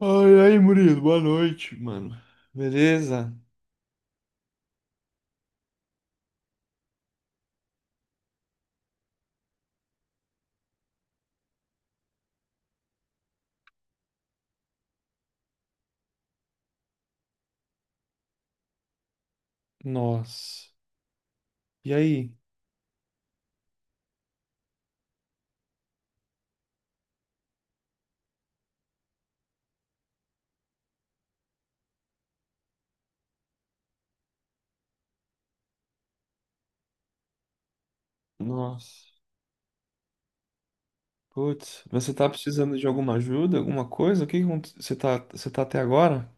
Ai, ai, Murilo, boa noite, mano. Beleza? Nossa. E aí? Nossa. Putz, você tá precisando de alguma ajuda, alguma coisa? O que que aconte- Você tá, você tá até agora?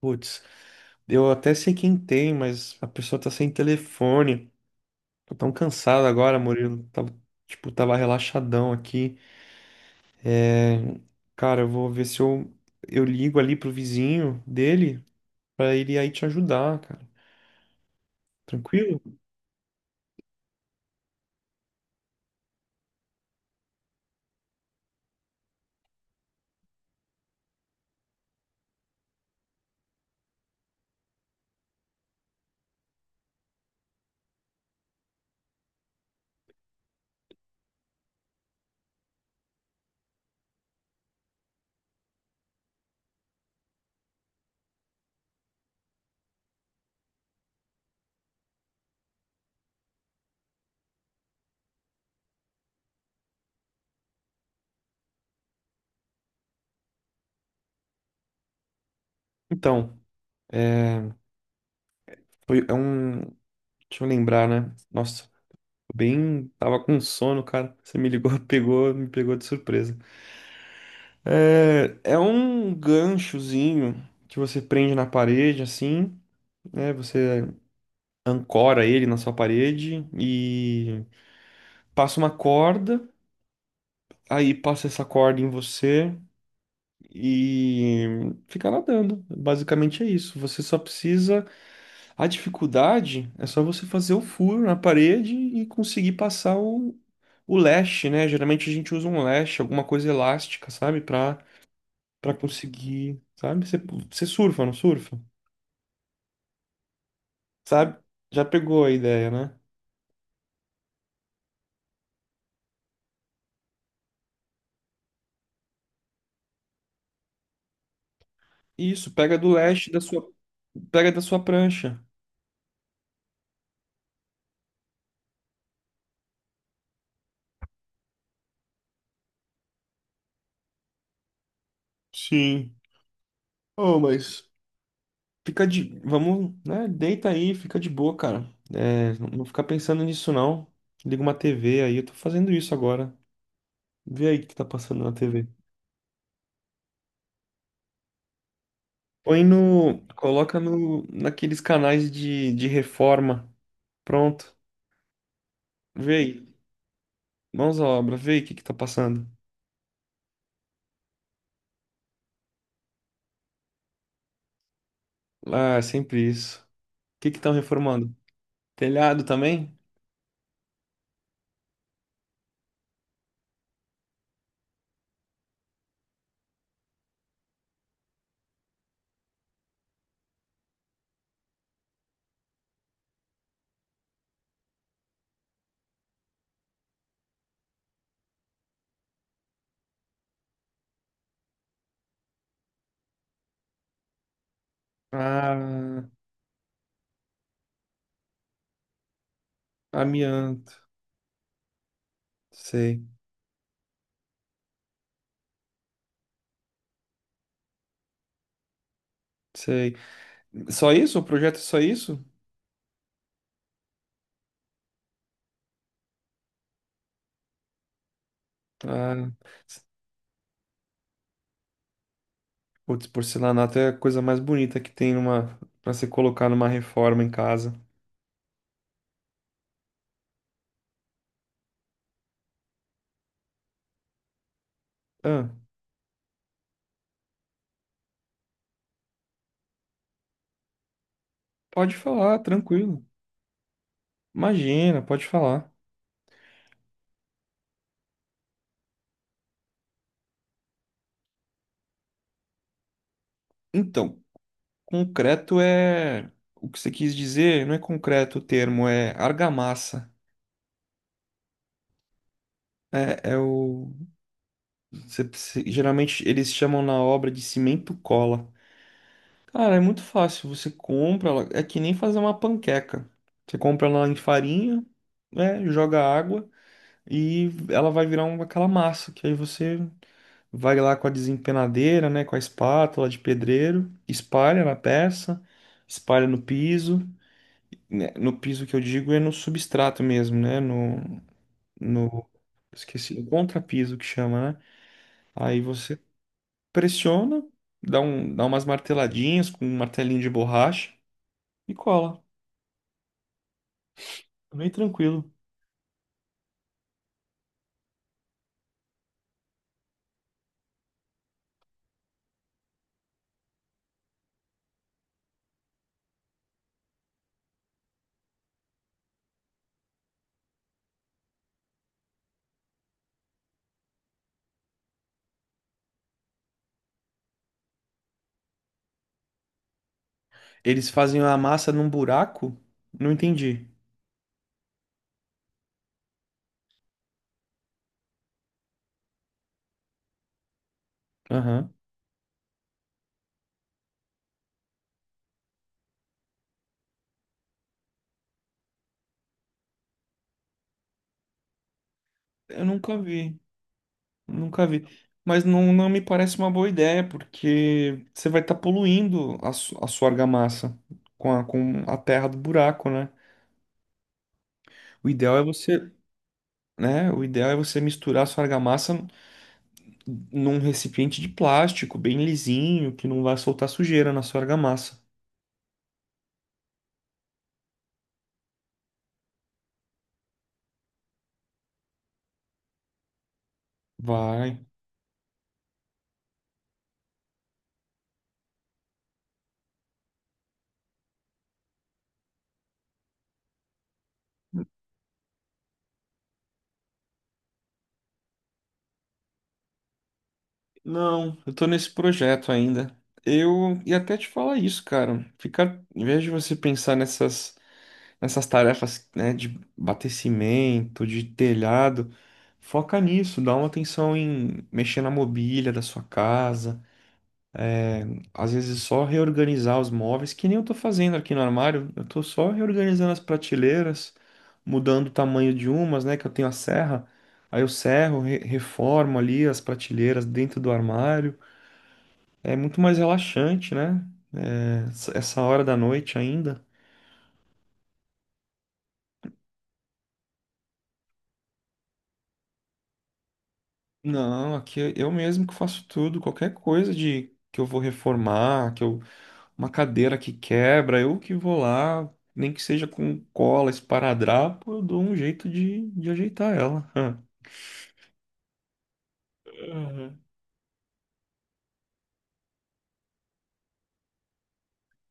Putz, eu até sei quem tem, mas a pessoa tá sem telefone. Tô tão cansado agora, Murilo. Tava, tipo, tava relaxadão aqui. É, Cara, eu vou ver se eu ligo ali pro vizinho dele pra ele aí te ajudar, cara. Tranquilo? Então, é, foi, é um. Deixa eu lembrar, né? Nossa, tô bem. Tava com sono, cara. Você me ligou, pegou, me pegou de surpresa. É, é um ganchozinho que você prende na parede, assim, né? Você ancora ele na sua parede e passa uma corda, aí passa essa corda em você e fica nadando. Basicamente é isso. Você só precisa A dificuldade é só você fazer o furo na parede e conseguir passar o leste, né? Geralmente a gente usa um leste, alguma coisa elástica, sabe? Pra conseguir, sabe? Você surfa, não surfa? Sabe? Já pegou a ideia, né? Isso, pega da sua prancha. Sim. Oh, mas vamos, né? Deita aí, fica de boa, cara. É, não fica pensando nisso, não. Liga uma TV aí, eu tô fazendo isso agora. Vê aí o que tá passando na TV. Põe no. Coloca no, naqueles canais de reforma. Pronto. Vê aí. Mãos à obra. Vê aí o que que tá passando. Ah, é sempre isso. O que que estão reformando? Telhado também? Ah, amianto. Sei, sei. Só isso? O projeto é só isso? Ah, putz, porcelanato é a coisa mais bonita que tem numa, pra se colocar numa reforma em casa. Ah, pode falar, tranquilo. Imagina, pode falar. Então, Concreto é. O que você quis dizer não é concreto o termo, é argamassa. É, é o. Geralmente eles chamam na obra de cimento cola. Cara, é muito fácil. Você compra ela. É que nem fazer uma panqueca. Você compra ela em farinha, né? Joga água e ela vai virar aquela massa. Que aí você vai lá com a desempenadeira, né? Com a espátula de pedreiro, espalha na peça, espalha no piso. Né, No piso que eu digo é no substrato mesmo, né? No, no, no contrapiso que chama, né? Aí você pressiona, dá umas marteladinhas com um martelinho de borracha e cola. É bem tranquilo. Eles fazem a massa num buraco? Não entendi. Aham. Eu nunca vi, Nunca vi. Mas não me parece uma boa ideia, porque você vai estar poluindo a sua argamassa com com a terra do buraco, né? O ideal é você Né? O ideal é você misturar a sua argamassa num recipiente de plástico bem lisinho, que não vai soltar sujeira na sua argamassa. Vai. Não, eu tô nesse projeto ainda. Eu ia até te falar isso, cara. Ficar, em vez de você pensar nessas tarefas, né, de batecimento, de telhado, foca nisso, dá uma atenção em mexer na mobília da sua casa. Às vezes só reorganizar os móveis, que nem eu tô fazendo aqui no armário. Eu tô só reorganizando as prateleiras, mudando o tamanho de umas, né? Que eu tenho a serra. Aí eu serro, reformo ali as prateleiras dentro do armário. É muito mais relaxante, né? É, essa hora da noite ainda. Não, aqui eu mesmo que faço tudo, qualquer coisa de que eu vou reformar, que eu uma cadeira que quebra, eu que vou lá, nem que seja com cola, esparadrapo, eu dou um jeito de ajeitar ela. Aham.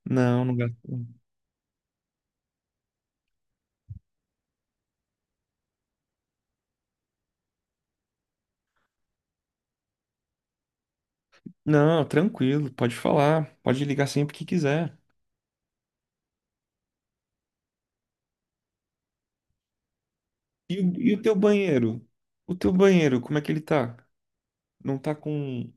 Não, não gasto. Não, tranquilo, pode falar, pode ligar sempre que quiser. E, e o teu banheiro? O teu banheiro, como é que ele tá? Não tá com.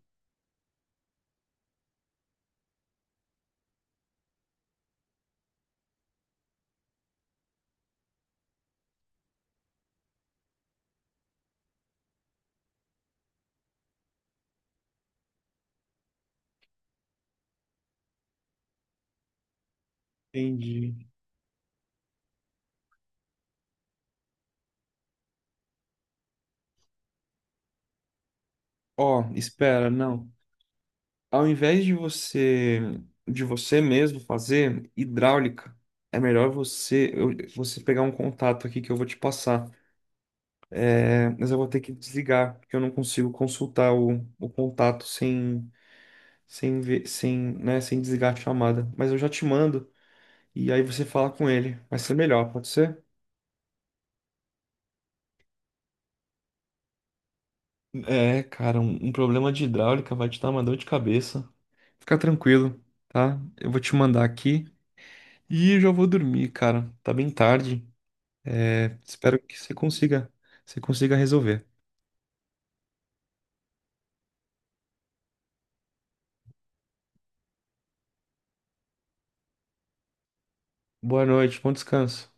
Entendi. Ó, espera, não. ao invés de você mesmo fazer hidráulica, é melhor você pegar um contato aqui que eu vou te passar. É, mas eu vou ter que desligar, porque eu não consigo consultar o contato sem sem ver, sem, né, sem desligar a chamada. Mas eu já te mando e aí você fala com ele. Vai ser melhor, pode ser? É, cara, um problema de hidráulica vai te dar uma dor de cabeça. Fica tranquilo, tá? Eu vou te mandar aqui e eu já vou dormir, cara. Tá bem tarde. É, espero que você consiga resolver. Boa noite, bom descanso.